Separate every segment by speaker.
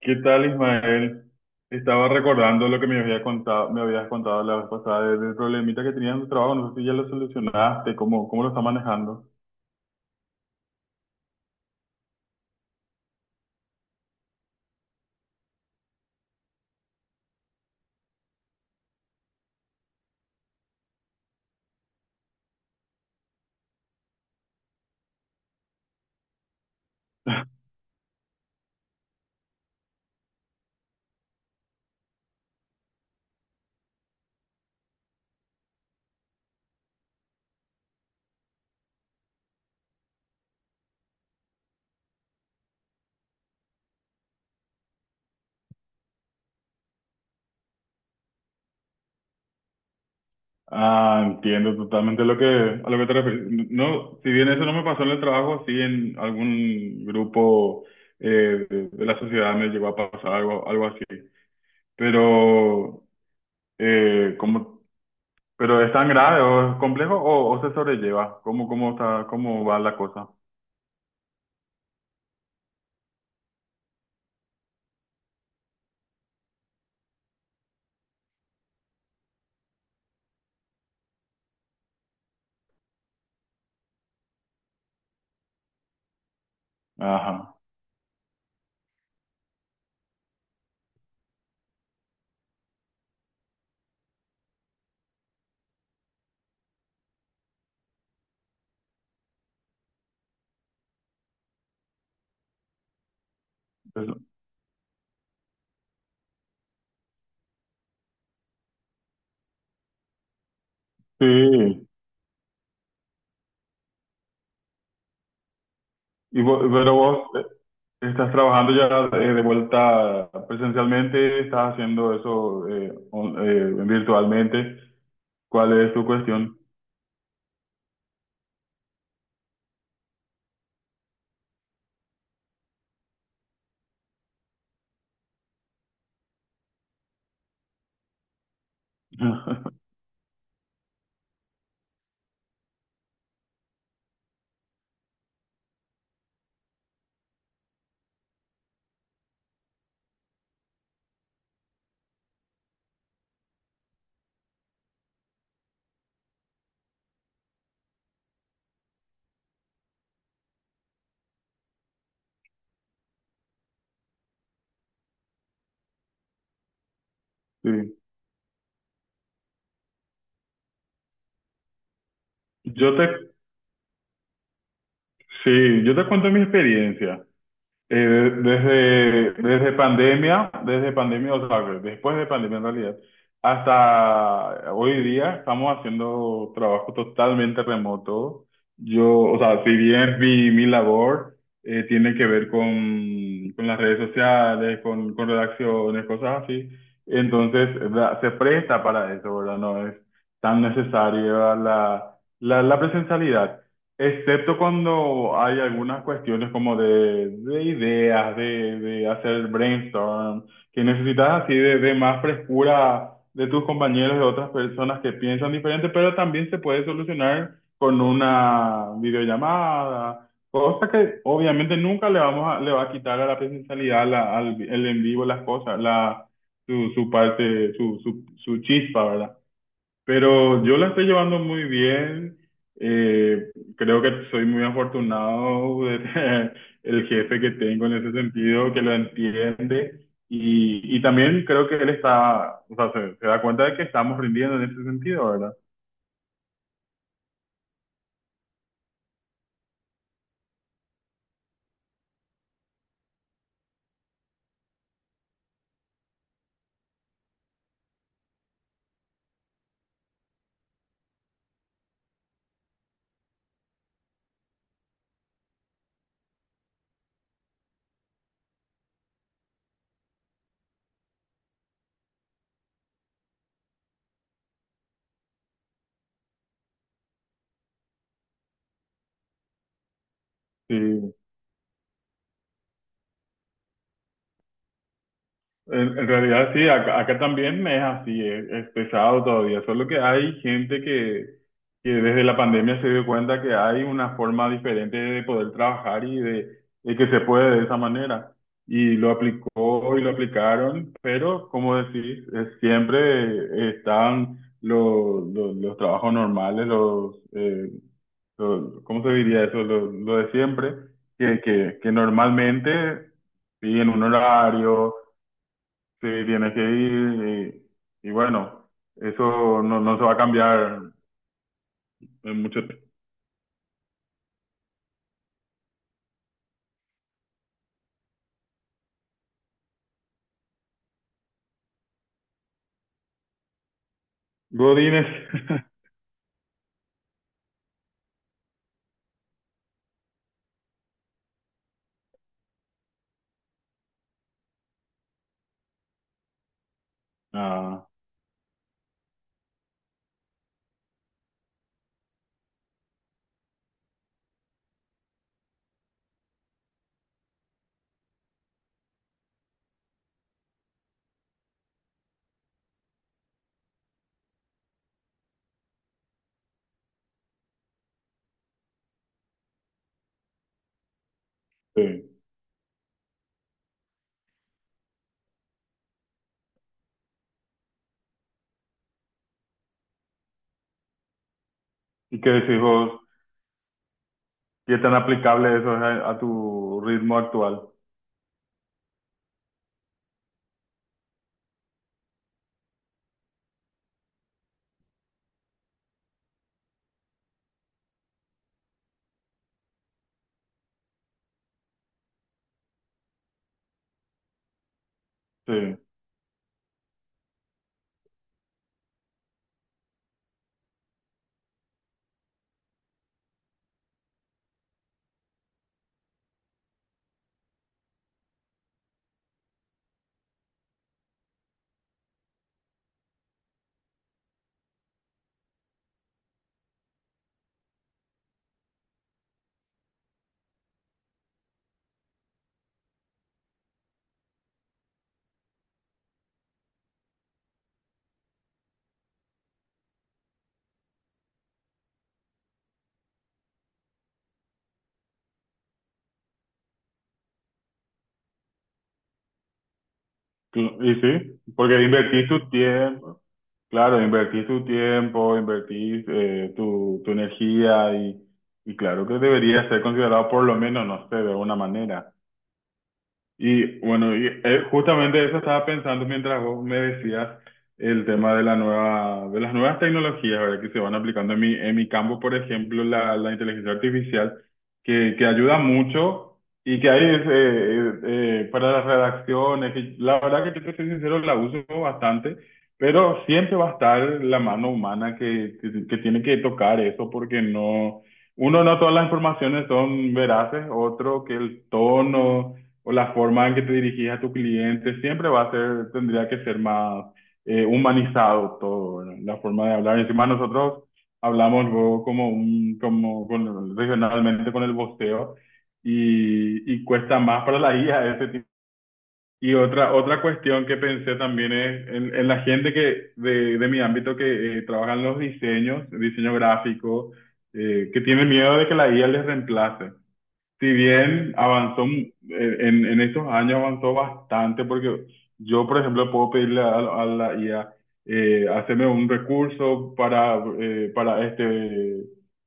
Speaker 1: ¿Qué tal, Ismael? Estaba recordando lo que me habías contado la vez pasada del problemita que tenías en tu trabajo. No sé si ya lo solucionaste, cómo lo está manejando. Ah, entiendo totalmente lo que, a lo que te refieres. No, si bien eso no me pasó en el trabajo, sí en algún grupo de la sociedad me llegó a pasar algo así. Pero, eh, ¿cómo- pero es tan grave o es complejo o se sobrelleva? ¿Cómo, cómo está, cómo va la cosa? Ajá. Pues, sí, pero vos estás trabajando ya de vuelta presencialmente, estás haciendo eso virtualmente. ¿Cuál es tu cuestión? Sí. Yo te, sí, yo te cuento mi experiencia. Eh, desde pandemia, o sea, después de pandemia en realidad, hasta hoy día estamos haciendo trabajo totalmente remoto. Yo, o sea, si bien mi labor tiene que ver con las redes sociales, con redacciones, cosas así, entonces, ¿verdad? Se presta para eso, ¿verdad? No es tan necesaria la presencialidad. Excepto cuando hay algunas cuestiones como de ideas, de hacer brainstorm, que necesitas así de más frescura de tus compañeros, de otras personas que piensan diferente, pero también se puede solucionar con una videollamada, cosa que obviamente nunca le va a quitar a la presencialidad, el en vivo, su, su chispa, ¿verdad? Pero yo la estoy llevando muy bien. Creo que soy muy afortunado de tener el jefe que tengo en ese sentido, que lo entiende. Y también creo que él está, o sea, se da cuenta de que estamos rindiendo en ese sentido, ¿verdad? Sí. En realidad sí, acá también es así, es pesado todavía, solo que hay gente que desde la pandemia se dio cuenta que hay una forma diferente de poder trabajar de que se puede de esa manera. Y lo aplicó y lo aplicaron, pero como decís, es- siempre están los trabajos normales, ¿cómo se diría eso? Lo de siempre, que normalmente siguen un horario. Sí, tienes que ir y bueno, eso no, no se va a cambiar en mucho tiempo. Godínez. Ah, sí. ¿Y qué decís vos? ¿Qué tan aplicable eso es a tu ritmo actual? Sí. Cl- Y sí, porque invertís tu tiempo, claro, invertís tu tiempo, invertís tu energía y claro que debería ser considerado por lo menos, no sé, de una manera. Y bueno, y, justamente eso estaba pensando mientras vos me decías el tema de la nueva, de las nuevas tecnologías, ¿verdad? Que se van aplicando en mi campo, por ejemplo, la inteligencia artificial, que ayuda mucho y que hay para las redacciones, que la verdad que yo te soy sincero, la uso bastante, pero siempre va a estar la mano humana que tiene que tocar eso porque no, uno, no todas las informaciones son veraces, otro que el tono o la forma en que te dirigís a tu cliente, siempre va a ser, tendría que ser más humanizado todo, ¿verdad? La forma de hablar. Encima nosotros hablamos luego como un, como con- regionalmente con el voceo y cuesta más para la IA ese tipo. Y otra, otra cuestión que pensé también es en la gente que de mi ámbito que trabaja en los diseños, diseño gráfico, que tiene miedo de que la IA les reemplace si bien avanzó, en estos años avanzó bastante, porque yo, por ejemplo, a la IA, hacerme un recurso para este,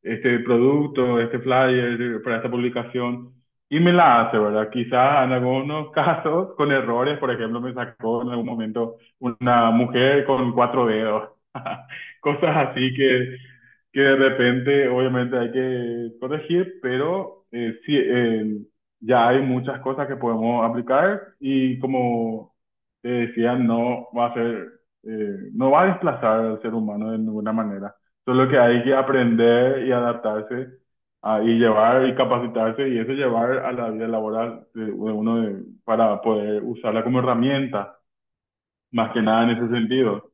Speaker 1: este producto, este flyer, para esta publicación, y me la hace, ¿verdad? Quizás en algunos casos con errores, por ejemplo, me sacó en algún momento una mujer con cuatro dedos, cosas así que de repente obviamente hay que corregir, pero ya hay muchas cosas que podemos aplicar y como te decía, no va a desplazar al ser humano de ninguna manera. Solo que hay que aprender y adaptarse ah, y llevar y capacitarse y eso llevar a la vida laboral de uno de- para poder usarla como herramienta, más que nada en ese sentido.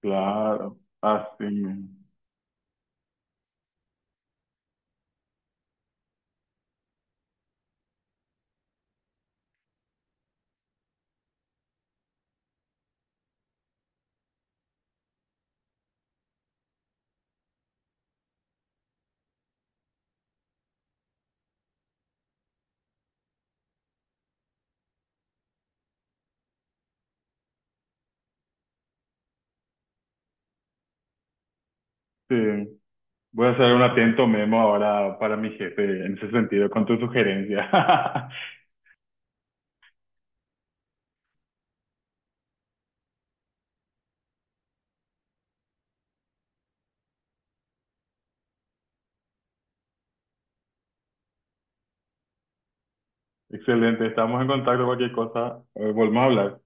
Speaker 1: Claro, así mismo. Sí. Voy a hacer un atento memo ahora para mi jefe en ese sentido, con tu sugerencia. Excelente, estamos en contacto, cualquier cosa, volvemos a hablar.